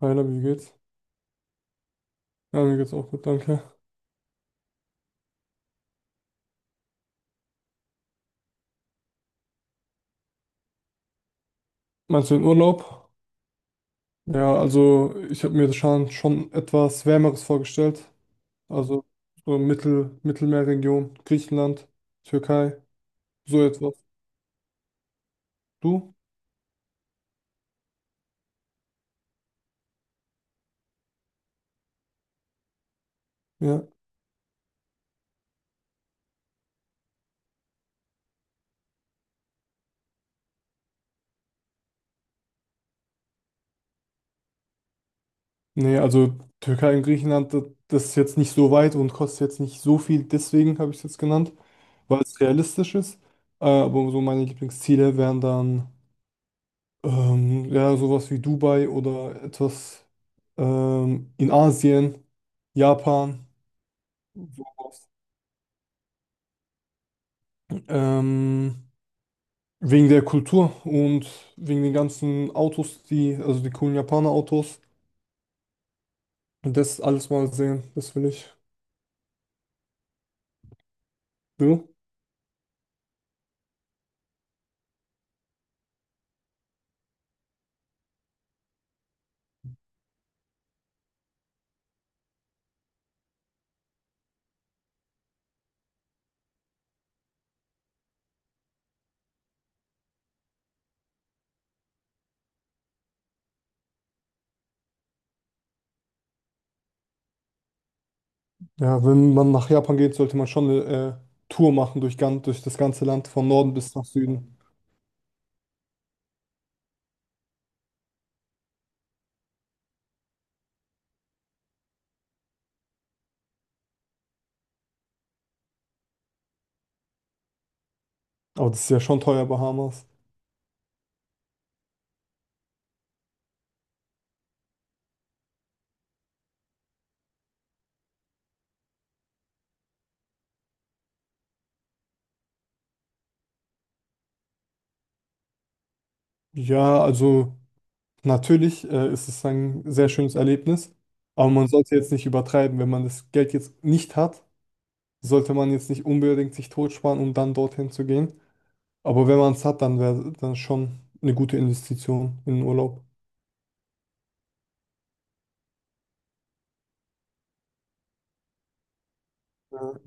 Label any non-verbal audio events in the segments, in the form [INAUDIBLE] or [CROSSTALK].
Hi, Labi, wie geht's? Ja, mir geht's auch gut, danke. Meinst du den Urlaub? Ja, also ich habe mir das schon etwas Wärmeres vorgestellt. Also so Mittel, Mittelmeerregion, Griechenland, Türkei, so etwas. Du? Ja. Nee, also Türkei und Griechenland, das ist jetzt nicht so weit und kostet jetzt nicht so viel, deswegen habe ich es jetzt genannt, weil es realistisch ist. Aber so meine Lieblingsziele wären dann ja sowas wie Dubai oder etwas in Asien. Japan. Ähm, Wegen der Kultur und wegen den ganzen Autos, die, also die coolen Japaner-Autos. Und das alles mal sehen, das will ich. Du? Ja, wenn man nach Japan geht, sollte man schon eine Tour machen durch, durch das ganze Land, von Norden bis nach Süden. Aber das ist ja schon teuer, Bahamas. Ja, also natürlich ist es ein sehr schönes Erlebnis, aber man sollte jetzt nicht übertreiben. Wenn man das Geld jetzt nicht hat, sollte man jetzt nicht unbedingt sich totsparen, um dann dorthin zu gehen. Aber wenn man es hat, dann wäre dann schon eine gute Investition in den Urlaub. Ja.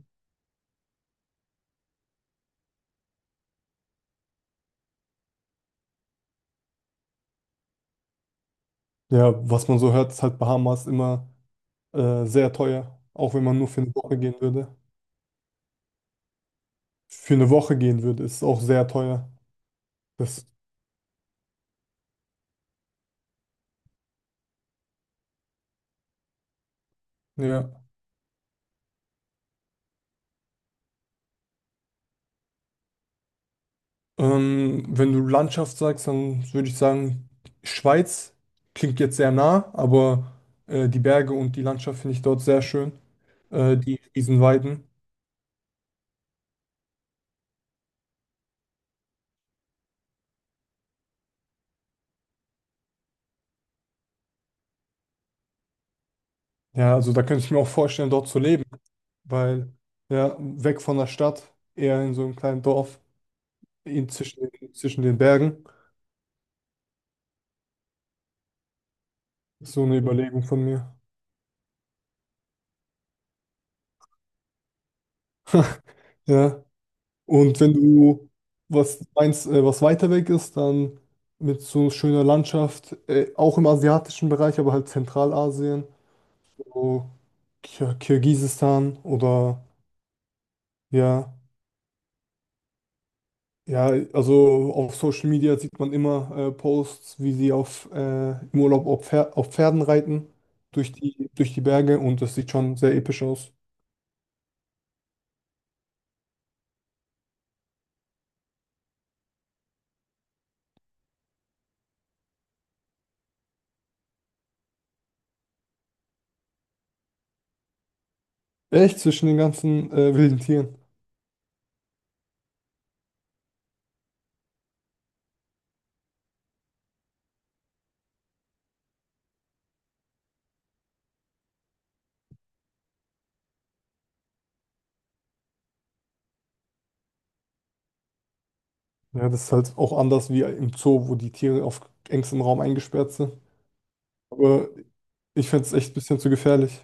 Ja, was man so hört, ist halt Bahamas immer sehr teuer. Auch wenn man nur für eine Woche gehen würde. Für eine Woche gehen würde, ist es auch sehr teuer. Das, ja. Wenn du Landschaft sagst, dann würde ich sagen, Schweiz klingt jetzt sehr nah, aber die Berge und die Landschaft finde ich dort sehr schön. Die Riesenweiden. Ja, also da könnte ich mir auch vorstellen, dort zu leben. Weil, ja, weg von der Stadt, eher in so einem kleinen Dorf, in zwischen den Bergen. Ist so eine Überlegung von mir. Ja. Und wenn du was meinst, was weiter weg ist, dann mit so schöner Landschaft, auch im asiatischen Bereich, aber halt Zentralasien, so Kirgisistan oder ja. Ja, also auf Social Media sieht man immer Posts, wie sie auf, im Urlaub auf, Pfer auf Pferden reiten, durch die Berge und das sieht schon sehr episch aus. Echt zwischen den ganzen wilden Tieren. Ja, das ist halt auch anders wie im Zoo, wo die Tiere auf engstem Raum eingesperrt sind. Aber ich fände es echt ein bisschen zu gefährlich.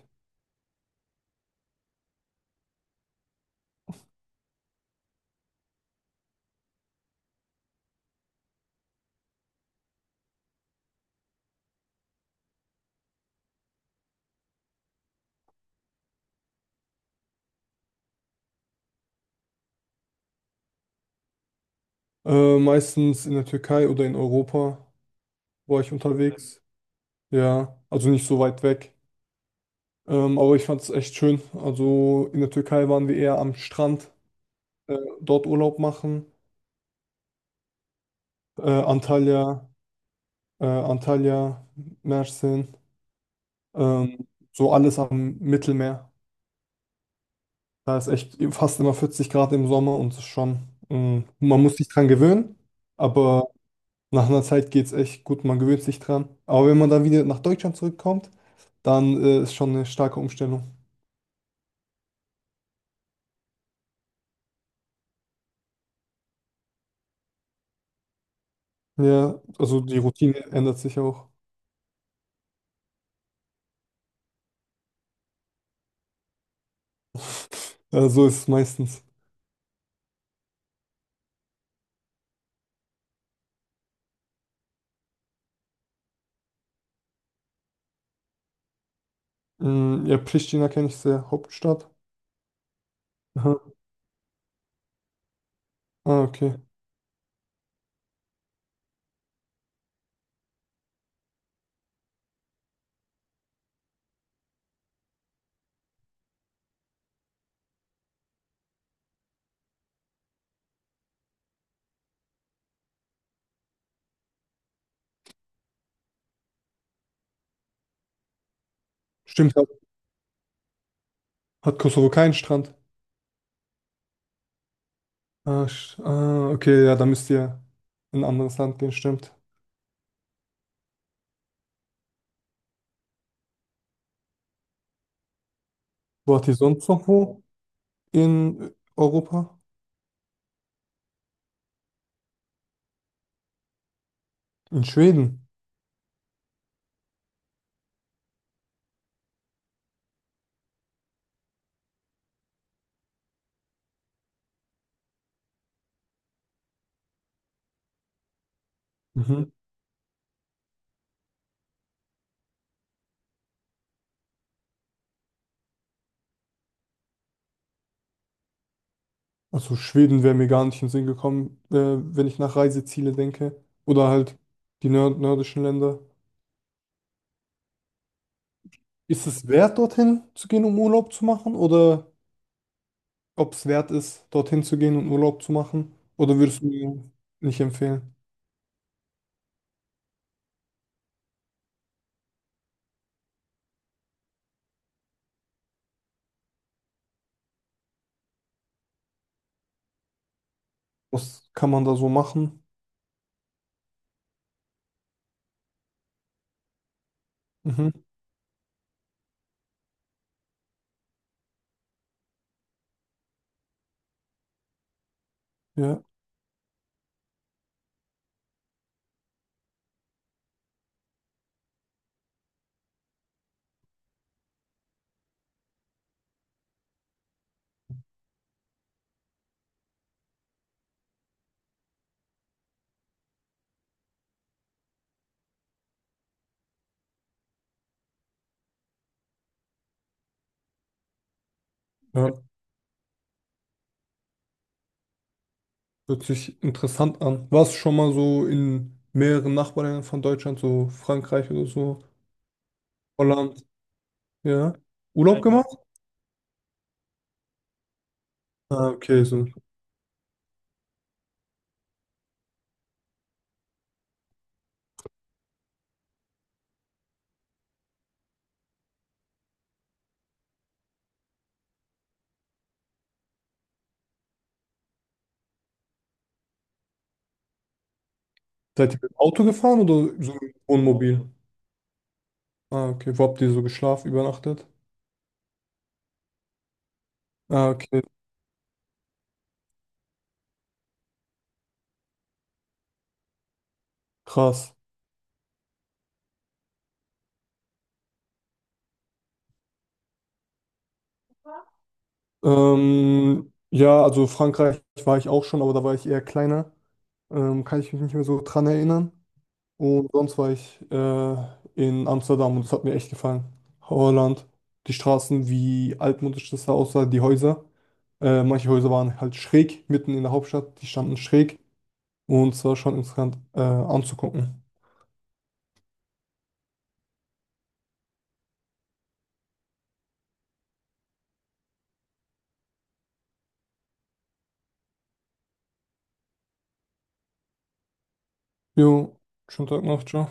Meistens in der Türkei oder in Europa war ich unterwegs. Ja, also nicht so weit weg. Aber ich fand es echt schön. Also in der Türkei waren wir eher am Strand. äh, Dort Urlaub machen. Äh, Antalya, Antalya, Mersin, ähm, so alles am Mittelmeer. Da ist echt fast immer 40 Grad im Sommer und es ist schon, man muss sich dran gewöhnen, aber nach einer Zeit geht es echt gut, man gewöhnt sich dran. Aber wenn man dann wieder nach Deutschland zurückkommt, dann ist schon eine starke Umstellung. Ja, also die Routine ändert sich auch. [LAUGHS] So ist es meistens. Mm, ja, Pristina kenne ich sehr, Hauptstadt. Aha. Ah, okay. Stimmt, ja. Hat Kosovo keinen Strand? Ah, ah, okay, ja, da müsst ihr in ein anderes Land gehen, stimmt. Wo hat die sonst noch wo? In Europa? In Schweden. Mhm. Also Schweden wäre mir gar nicht in den Sinn gekommen, wenn ich nach Reiseziele denke. Oder halt die nördischen Länder. Ist es wert, dorthin zu gehen, um Urlaub zu machen? Oder ob es wert ist, dorthin zu gehen und Urlaub zu machen? Oder würdest du mir nicht empfehlen? Was kann man da so machen? Mhm. Ja. Ja. Hört sich interessant an. Warst du schon mal so in mehreren Nachbarländern von Deutschland, so Frankreich oder so, Holland, ja? Urlaub gemacht? Ah, okay, so. Seid ihr mit dem Auto gefahren oder so mit dem Wohnmobil? Ah, okay. Wo habt ihr so geschlafen, übernachtet? Ah, okay, krass. Ja, also Frankreich war ich auch schon, aber da war ich eher kleiner. Kann ich mich nicht mehr so dran erinnern. Und sonst war ich in Amsterdam und es hat mir echt gefallen. Holland, die Straßen, wie altmodisch das da aussah, die Häuser. Manche Häuser waren halt schräg, mitten in der Hauptstadt, die standen schräg und es war schon interessant anzugucken. Jo, schönen Tag noch, ciao.